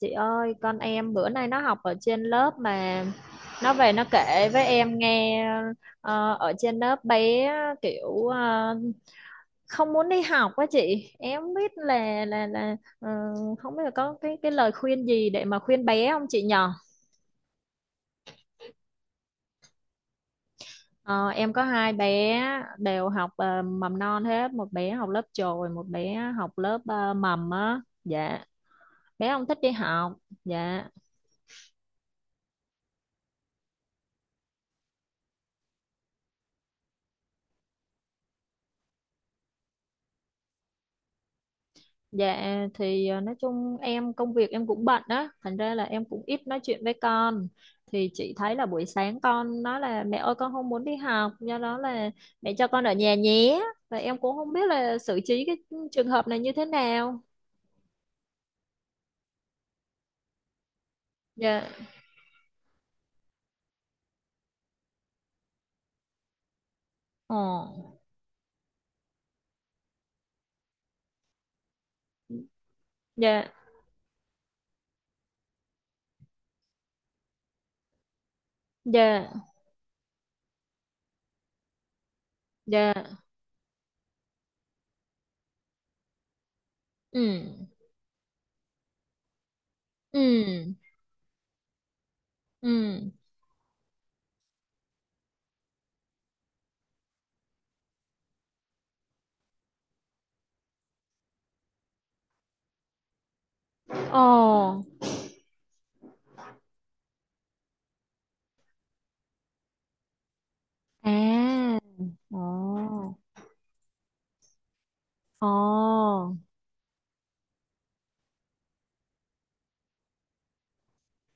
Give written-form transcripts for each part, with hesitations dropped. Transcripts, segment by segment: Chị ơi, con em bữa nay nó học ở trên lớp mà nó về nó kể với em nghe, ở trên lớp bé kiểu không muốn đi học quá chị. Em không biết là không biết là có cái lời khuyên gì để mà khuyên bé không chị nhờ? Ờ, em có hai bé đều học mầm non hết, một bé học lớp chồi, một bé học lớp mầm á. Dạ, bé không thích đi học. Dạ. Dạ thì nói chung em công việc em cũng bận á, thành ra là em cũng ít nói chuyện với con. Thì chị thấy là buổi sáng con nói là mẹ ơi con không muốn đi học, do đó là mẹ cho con ở nhà nhé. Và em cũng không biết là xử trí cái trường hợp này như thế nào. Dạ. Ồ. Dạ. Dạ. Dạ. Ừ. Ừ. Ừ. Ồ. À. Ồ. Ồ.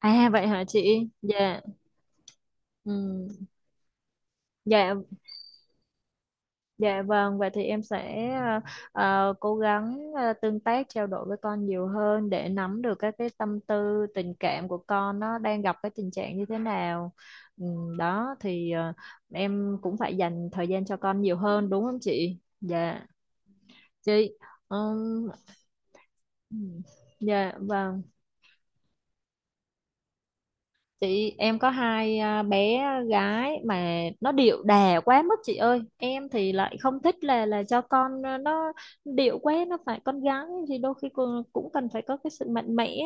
À vậy hả chị? Dạ. Ừ. Dạ, dạ vâng, vậy thì em sẽ cố gắng tương tác trao đổi với con nhiều hơn để nắm được các cái tâm tư, tình cảm của con, nó đang gặp cái tình trạng như thế nào. Đó thì em cũng phải dành thời gian cho con nhiều hơn đúng không chị? Dạ chị. Ừm, ừ, dạ vâng. Chị, em có hai bé gái mà nó điệu đà quá mức chị ơi, em thì lại không thích là cho con, nó điệu quá, nó phải con gái thì đôi khi cũng cần phải có cái sự mạnh mẽ,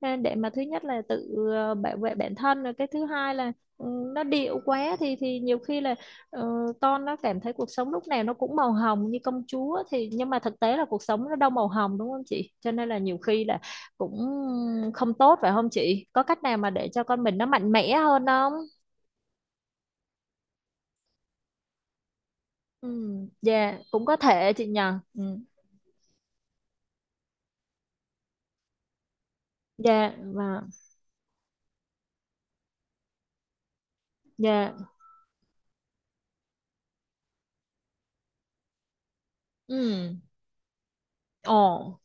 để mà thứ nhất là tự bảo vệ bản thân, rồi cái thứ hai là ừ, nó điệu quá thì nhiều khi là ờ, con nó cảm thấy cuộc sống lúc nào nó cũng màu hồng như công chúa, thì nhưng mà thực tế là cuộc sống nó đâu màu hồng, đúng không chị, cho nên là nhiều khi là cũng không tốt phải không chị? Có cách nào mà để cho con mình nó mạnh mẽ hơn không? Ừ, dạ, cũng có thể chị nhờ. Ừ, dạ, và dạ, ừ, ồ,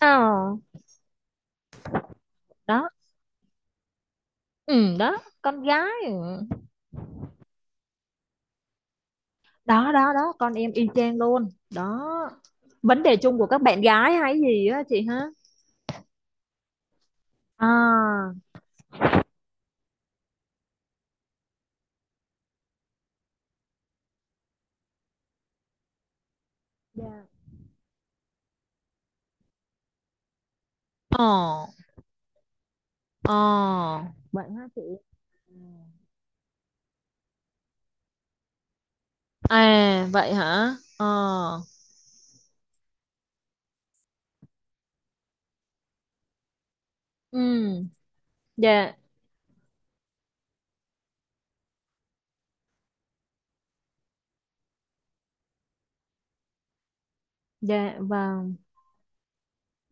ờ, đó, ừ, đó, con gái, ừ. Đó, đó, đó, con em y chang luôn, đó. Vấn đề chung của các bạn gái hay gì á chị hả? À, dạ, ồ, ồ vậy hả chị? Ừ. À, vậy hả? Ờ, ừ, dạ, dạ, và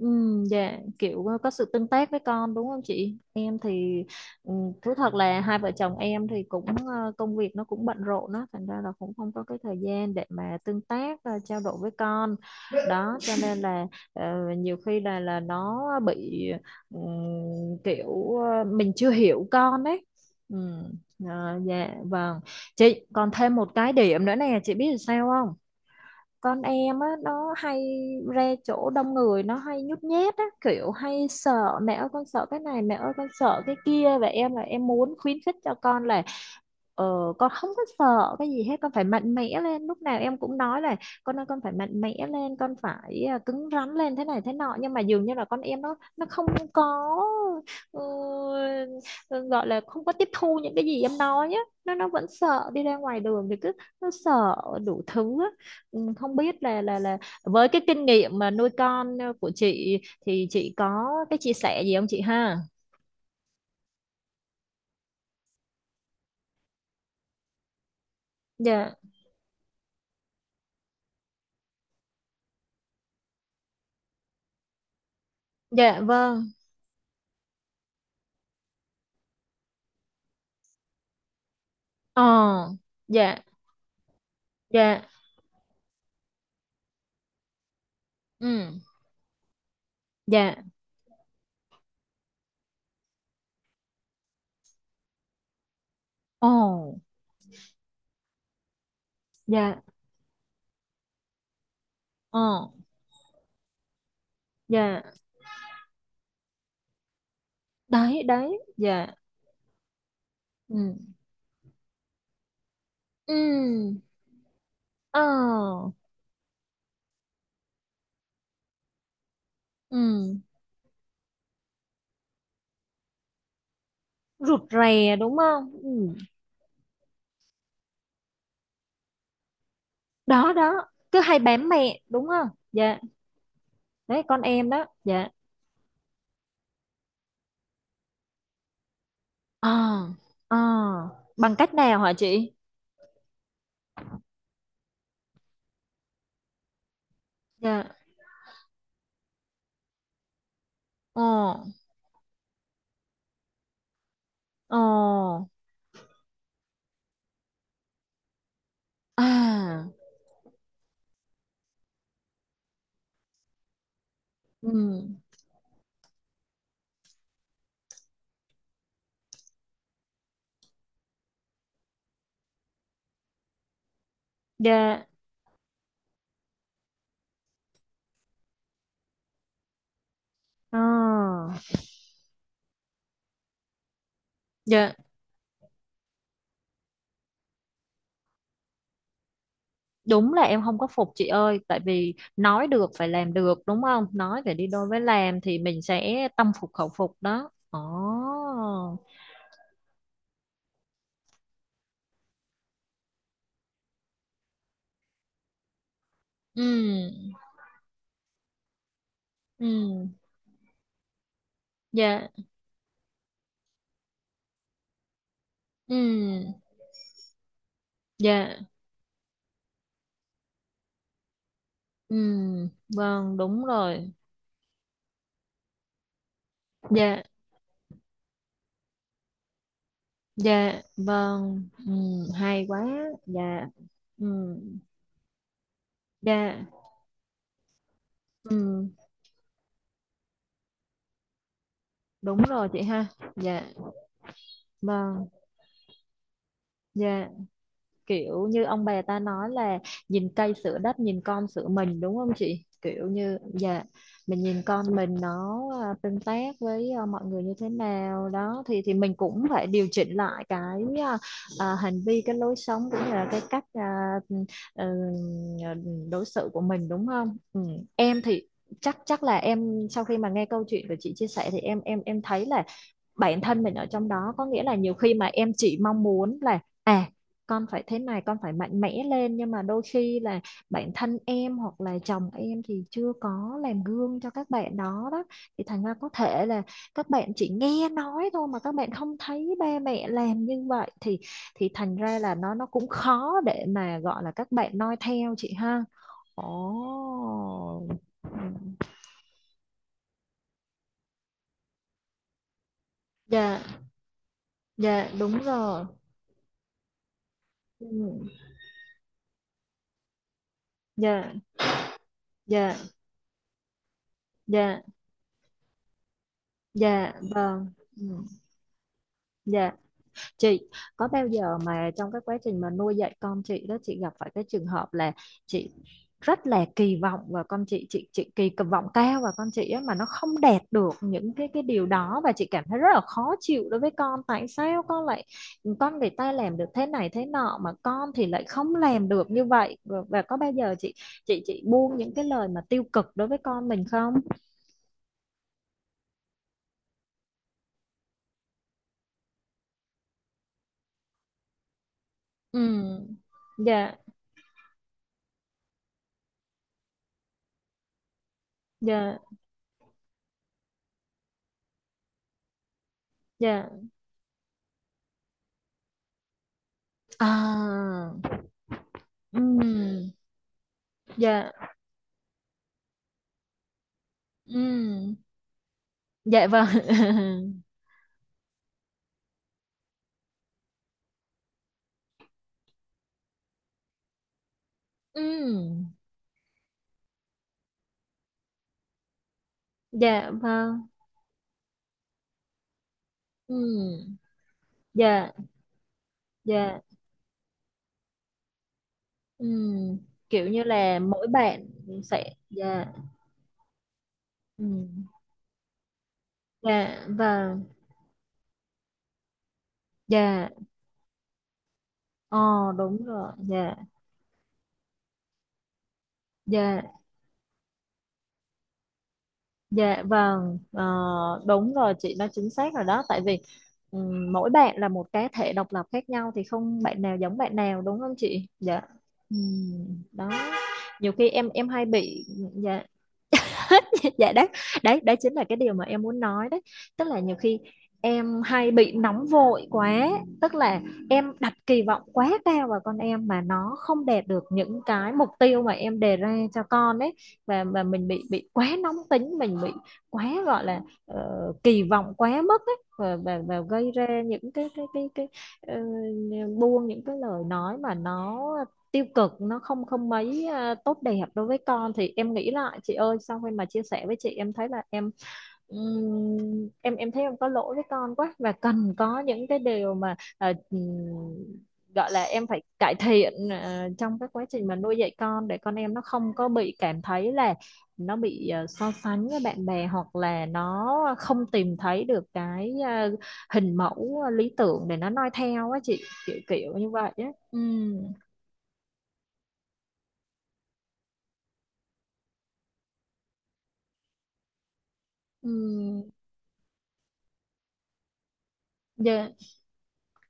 ừ, dạ kiểu có sự tương tác với con đúng không chị? Em thì ừ, thú thật là hai vợ chồng em thì cũng công việc nó cũng bận rộn đó, thành ra là cũng không có cái thời gian để mà tương tác, trao đổi với con. Đó cho nên là ờ, nhiều khi là nó bị ừ, kiểu mình chưa hiểu con ấy. Ừ, ờ, dạ vâng. Chị còn thêm một cái điểm nữa nè, chị biết là sao không? Con em á, nó hay ra chỗ đông người nó hay nhút nhát á, kiểu hay sợ, mẹ ơi con sợ cái này, mẹ ơi con sợ cái kia, và em là em muốn khuyến khích cho con là ờ, con không có sợ cái gì hết, con phải mạnh mẽ lên, lúc nào em cũng nói là con ơi con phải mạnh mẽ lên con phải cứng rắn lên thế này thế nọ, nhưng mà dường như là con em nó không có ừ, gọi là không có tiếp thu những cái gì em nói á, nó vẫn sợ, đi ra ngoài đường thì cứ nó sợ đủ thứ á. Ừ, không biết là với cái kinh nghiệm mà nuôi con của chị thì chị có cái chia sẻ gì không chị ha? Dạ, dạ vâng. Ờ, dạ, dạ. Ừ, dạ. Ồ, dạ. Ờ, dạ. Đấy, đấy, dạ. Ừ. Ừ. Ờ. Ừ. Rụt rè đúng không? Ừ. Đó đó, cứ hay bám mẹ đúng không? Dạ. Đấy con em đó, dạ. Ờ. Ờ. Bằng cách nào hả chị? Dạ. Ờ. Ồ, à, ừ, dạ, ờ, dạ, đúng là em không có phục chị ơi, tại vì nói được phải làm được đúng không? Nói phải đi đôi với làm thì mình sẽ tâm phục khẩu phục đó. Ồ, ừ, ừ, dạ, ừ, dạ, ừ, vâng, đúng rồi, dạ, dạ, vâng, ừ, hay quá, dạ, ừ, dạ, ừ, đúng rồi chị ha, dạ, vâng, dạ. Kiểu như ông bà ta nói là nhìn cây sửa đất nhìn con sửa mình đúng không chị, kiểu như dạ mình nhìn con mình nó tương tác với mọi người như thế nào đó thì mình cũng phải điều chỉnh lại cái hành vi cái lối sống cũng như là cái cách ờ, đối xử của mình đúng không, ừ. Em thì chắc chắc là em sau khi mà nghe câu chuyện của chị chia sẻ thì em thấy là bản thân mình ở trong đó, có nghĩa là nhiều khi mà em chỉ mong muốn là con phải thế này con phải mạnh mẽ lên, nhưng mà đôi khi là bản thân em hoặc là chồng em thì chưa có làm gương cho các bạn đó, đó thì thành ra có thể là các bạn chỉ nghe nói thôi mà các bạn không thấy ba mẹ làm như vậy thì thành ra là nó cũng khó để mà gọi là các bạn noi theo chị ha. Ồ, dạ, dạ đúng rồi. Ừ, dạ dạ dạ. Dạ vâng. Ừ, dạ chị, có bao giờ mà trong cái quá trình mà nuôi dạy con chị đó chị gặp phải cái trường hợp là chị rất là kỳ vọng và con chị chị kỳ vọng cao và con chị á mà nó không đạt được những cái điều đó và chị cảm thấy rất là khó chịu đối với con, tại sao con lại con người ta làm được thế này thế nọ mà con thì lại không làm được như vậy, và có bao giờ chị chị buông những cái lời mà tiêu cực đối với con mình không? Ừ. Dạ dạ dạ. À, ừm, dạ, ừm, dạ vâng, ừm, dạ vâng, ừm, dạ, dạ, ừm, kiểu như là mỗi bạn sẽ, dạ, ừm, dạ vâng, dạ, ờ đúng rồi, dạ, dạ. Dạ vâng, ờ, đúng rồi chị nói chính xác rồi đó, tại vì mỗi bạn là một cá thể độc lập khác nhau thì không bạn nào giống bạn nào đúng không chị? Dạ. Đó. Nhiều khi em hay bị, dạ, hết dạ đấy, đấy đấy chính là cái điều mà em muốn nói đấy, tức là nhiều khi em hay bị nóng vội quá, tức là em đặt kỳ vọng quá cao vào con em mà nó không đạt được những cái mục tiêu mà em đề ra cho con ấy, và mình bị quá nóng tính, mình bị quá gọi là ờ, kỳ vọng quá mức ấy, và gây ra những cái ờ, buông những cái lời nói mà nó tiêu cực, nó không không mấy tốt đẹp đối với con, thì em nghĩ lại chị ơi, sau khi mà chia sẻ với chị em thấy là em ừm, em thấy em có lỗi với con quá và cần có những cái điều mà gọi là em phải cải thiện, trong cái quá trình mà nuôi dạy con, để con em nó không có bị cảm thấy là nó bị so sánh với bạn bè hoặc là nó không tìm thấy được cái hình mẫu lý tưởng để nó noi theo á chị, kiểu kiểu như vậy á, ừ, ừ. Dạ,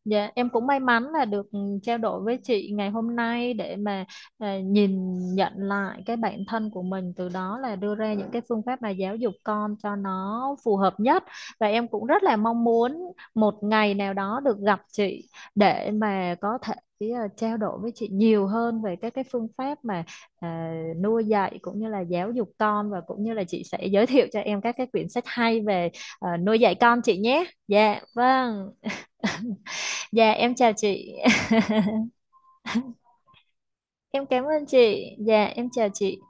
dạ em cũng may mắn là được trao đổi với chị ngày hôm nay để mà nhìn nhận lại cái bản thân của mình, từ đó là đưa ra những cái phương pháp mà giáo dục con cho nó phù hợp nhất, và em cũng rất là mong muốn một ngày nào đó được gặp chị để mà có thể trao đổi với chị nhiều hơn về các cái phương pháp mà à, nuôi dạy cũng như là giáo dục con, và cũng như là chị sẽ giới thiệu cho em các cái quyển sách hay về nuôi dạy con chị nhé. Dạ, vâng. Dạ em chào chị. Em cảm ơn chị. Dạ em chào chị.